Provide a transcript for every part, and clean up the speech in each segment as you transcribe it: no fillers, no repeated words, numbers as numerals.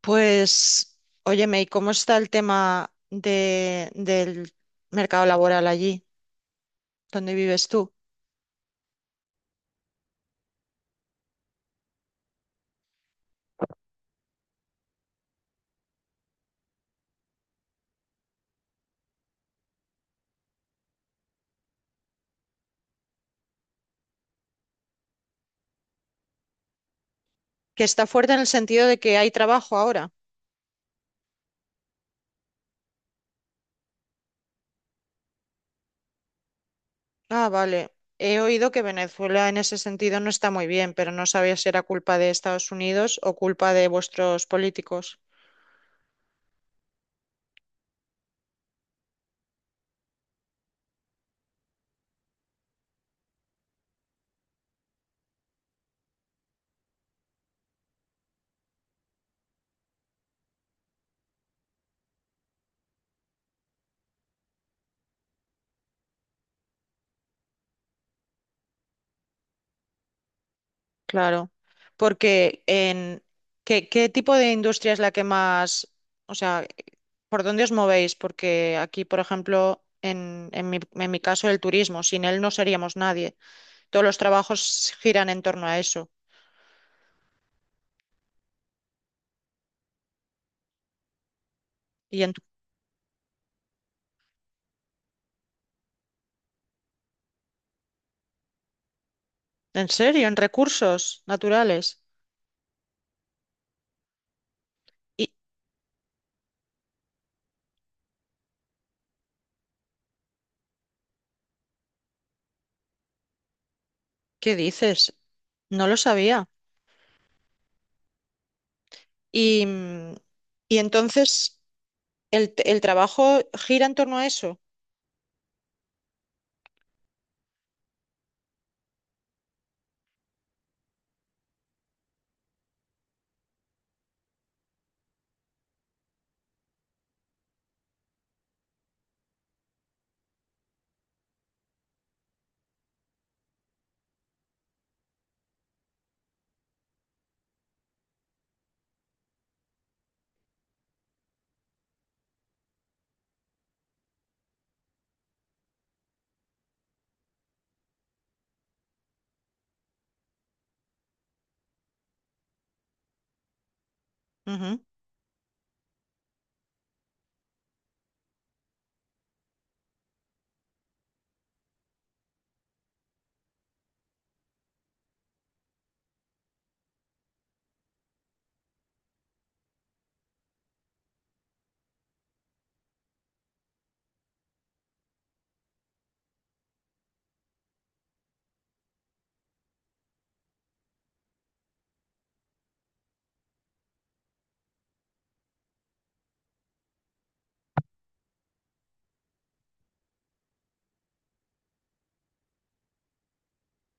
Pues, óyeme, ¿y cómo está el tema del mercado laboral allí, donde vives tú? Que está fuerte en el sentido de que hay trabajo ahora. Ah, vale. He oído que Venezuela en ese sentido no está muy bien, pero no sabía si era culpa de Estados Unidos o culpa de vuestros políticos. Claro. Porque en qué tipo de industria es la que más, o sea, ¿por dónde os movéis? Porque aquí, por ejemplo, en mi caso, el turismo, sin él no seríamos nadie. Todos los trabajos giran en torno a eso. ¿Y en serio? ¿En recursos naturales? ¿Y qué dices? No lo sabía. Y, mm, y entonces el trabajo gira en torno a eso. Ujú.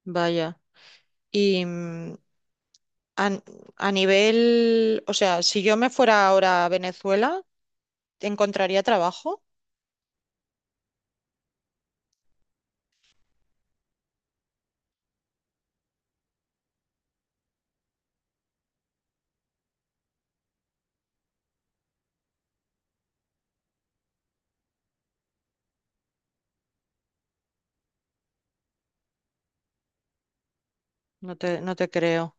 Vaya. Y a, a nivel, o sea, si yo me fuera ahora a Venezuela, ¿encontraría trabajo? No te creo.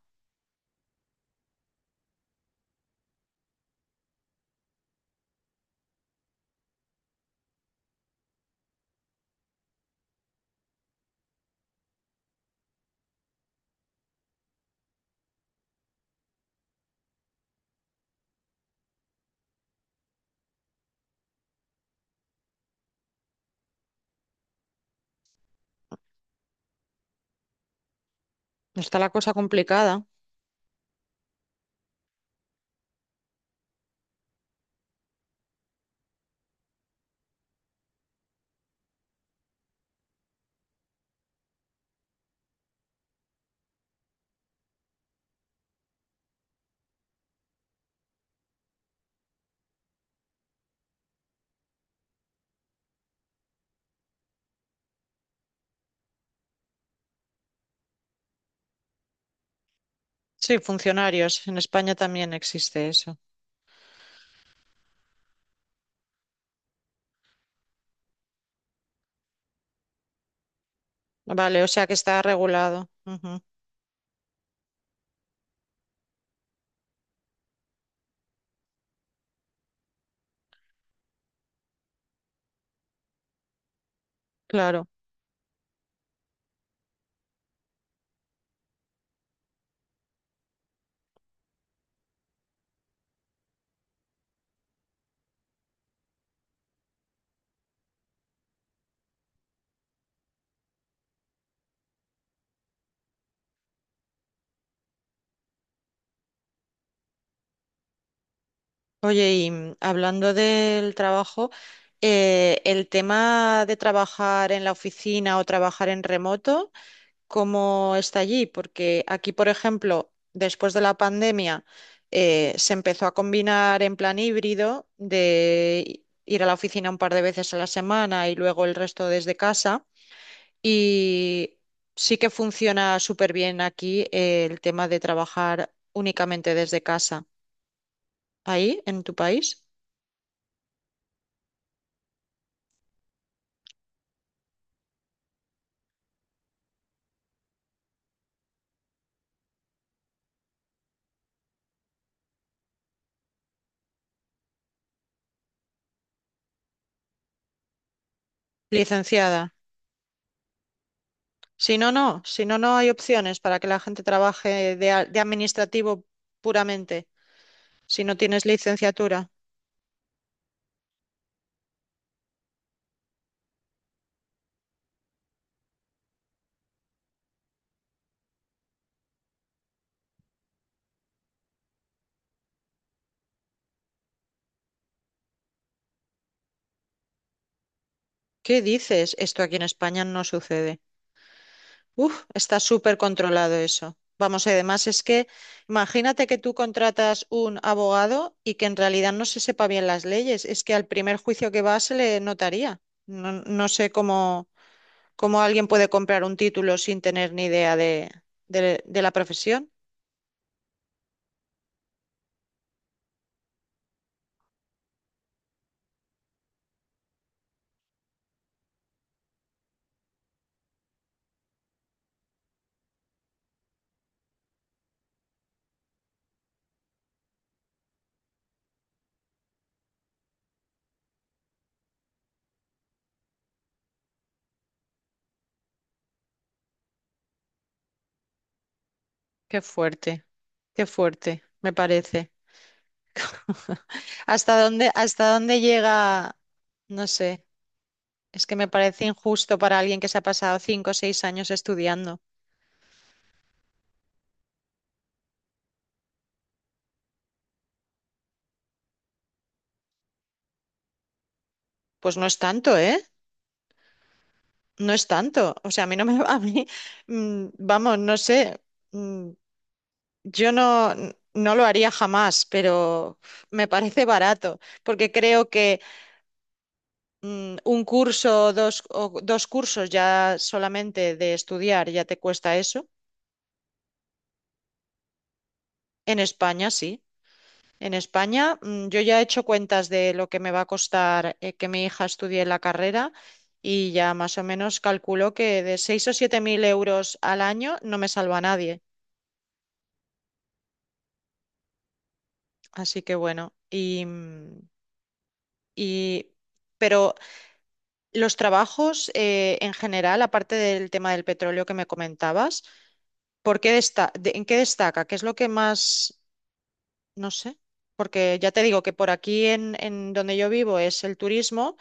Está la cosa complicada. Sí, funcionarios. En España también existe eso. Vale, o sea que está regulado. Ujú, claro. Oye, hablando del trabajo, el tema de trabajar en la oficina o trabajar en remoto, ¿cómo está allí? Porque aquí, por ejemplo, después de la pandemia, se empezó a combinar en plan híbrido de ir a la oficina un par de veces a la semana y luego el resto desde casa. Y sí que funciona súper bien aquí, el tema de trabajar únicamente desde casa. ¿Ahí, en tu país? Licenciada. Si no, si no, no hay opciones para que la gente trabaje de administrativo puramente, si no tienes licenciatura. ¿Qué dices? Esto aquí en España no sucede. Uf, está súper controlado eso. Vamos, y además es que imagínate que tú contratas un abogado y que en realidad no se sepa bien las leyes. Es que al primer juicio que va se le notaría. No, no sé cómo alguien puede comprar un título sin tener ni idea de la profesión. Qué fuerte. Qué fuerte, me parece. Hasta dónde llega? No sé, es que me parece injusto para alguien que se ha pasado 5 o 6 años estudiando. Pues no es tanto, ¿eh? No es tanto. O sea, a mí no me... a mí, vamos, no sé, mm, yo no lo haría jamás, pero me parece barato, porque creo que un curso o dos cursos ya solamente de estudiar ya te cuesta eso. En España sí. En España, yo ya he hecho cuentas de lo que me va a costar, que mi hija estudie la carrera y ya más o menos calculo que de 6.000 o 7.000 euros al año no me salva a nadie. Así que bueno, y- pero los trabajos, en general, aparte del tema del petróleo que me comentabas, ¿por qué desta- de- ¿en qué destaca? ¿Qué es lo que más, no sé? Porque ya te digo que por aquí en donde yo vivo es el turismo.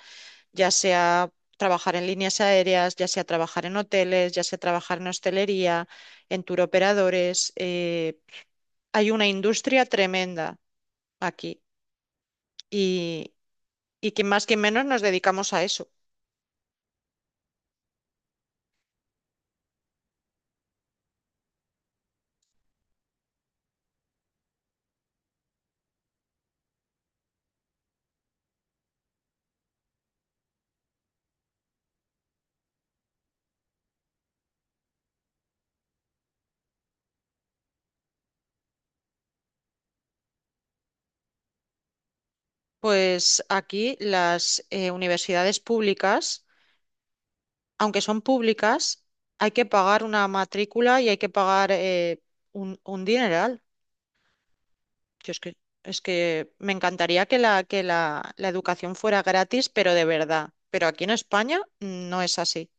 Ya sea trabajar en líneas aéreas, ya sea trabajar en hoteles, ya sea trabajar en hostelería, en turoperadores. Hay una industria tremenda aquí y, y que más que menos nos dedicamos a eso. Pues aquí las universidades públicas, aunque son públicas, hay que pagar una matrícula y hay que pagar, un dineral. Yo es que me encantaría que la educación fuera gratis, pero de verdad. Pero aquí en España, no es así.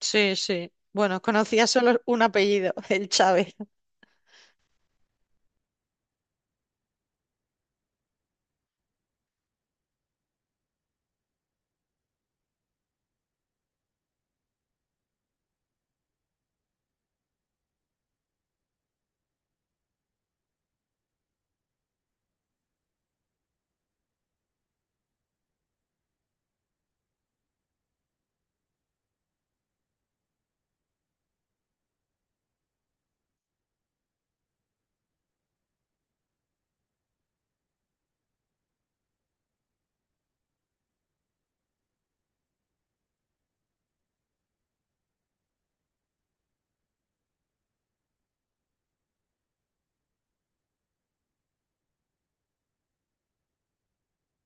Sí, sí. Bueno, conocía solo un apellido, el Chávez.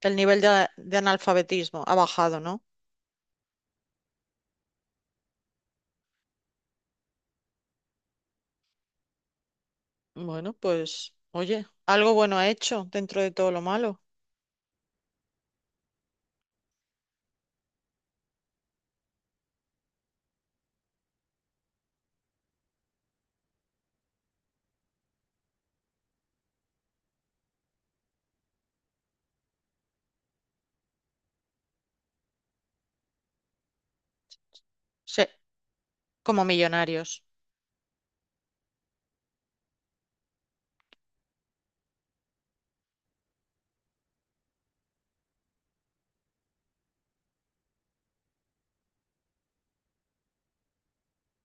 El nivel de analfabetismo ha bajado, ¿no? Bueno, pues, oye, algo bueno ha hecho dentro de todo lo malo. Sí, como millonarios.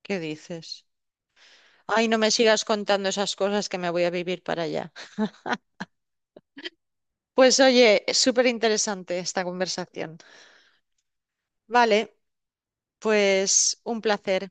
¿Qué dices? Ay, no me sigas contando esas cosas que me voy a vivir para allá. Pues oye, súper interesante esta conversación. Vale. Pues un placer.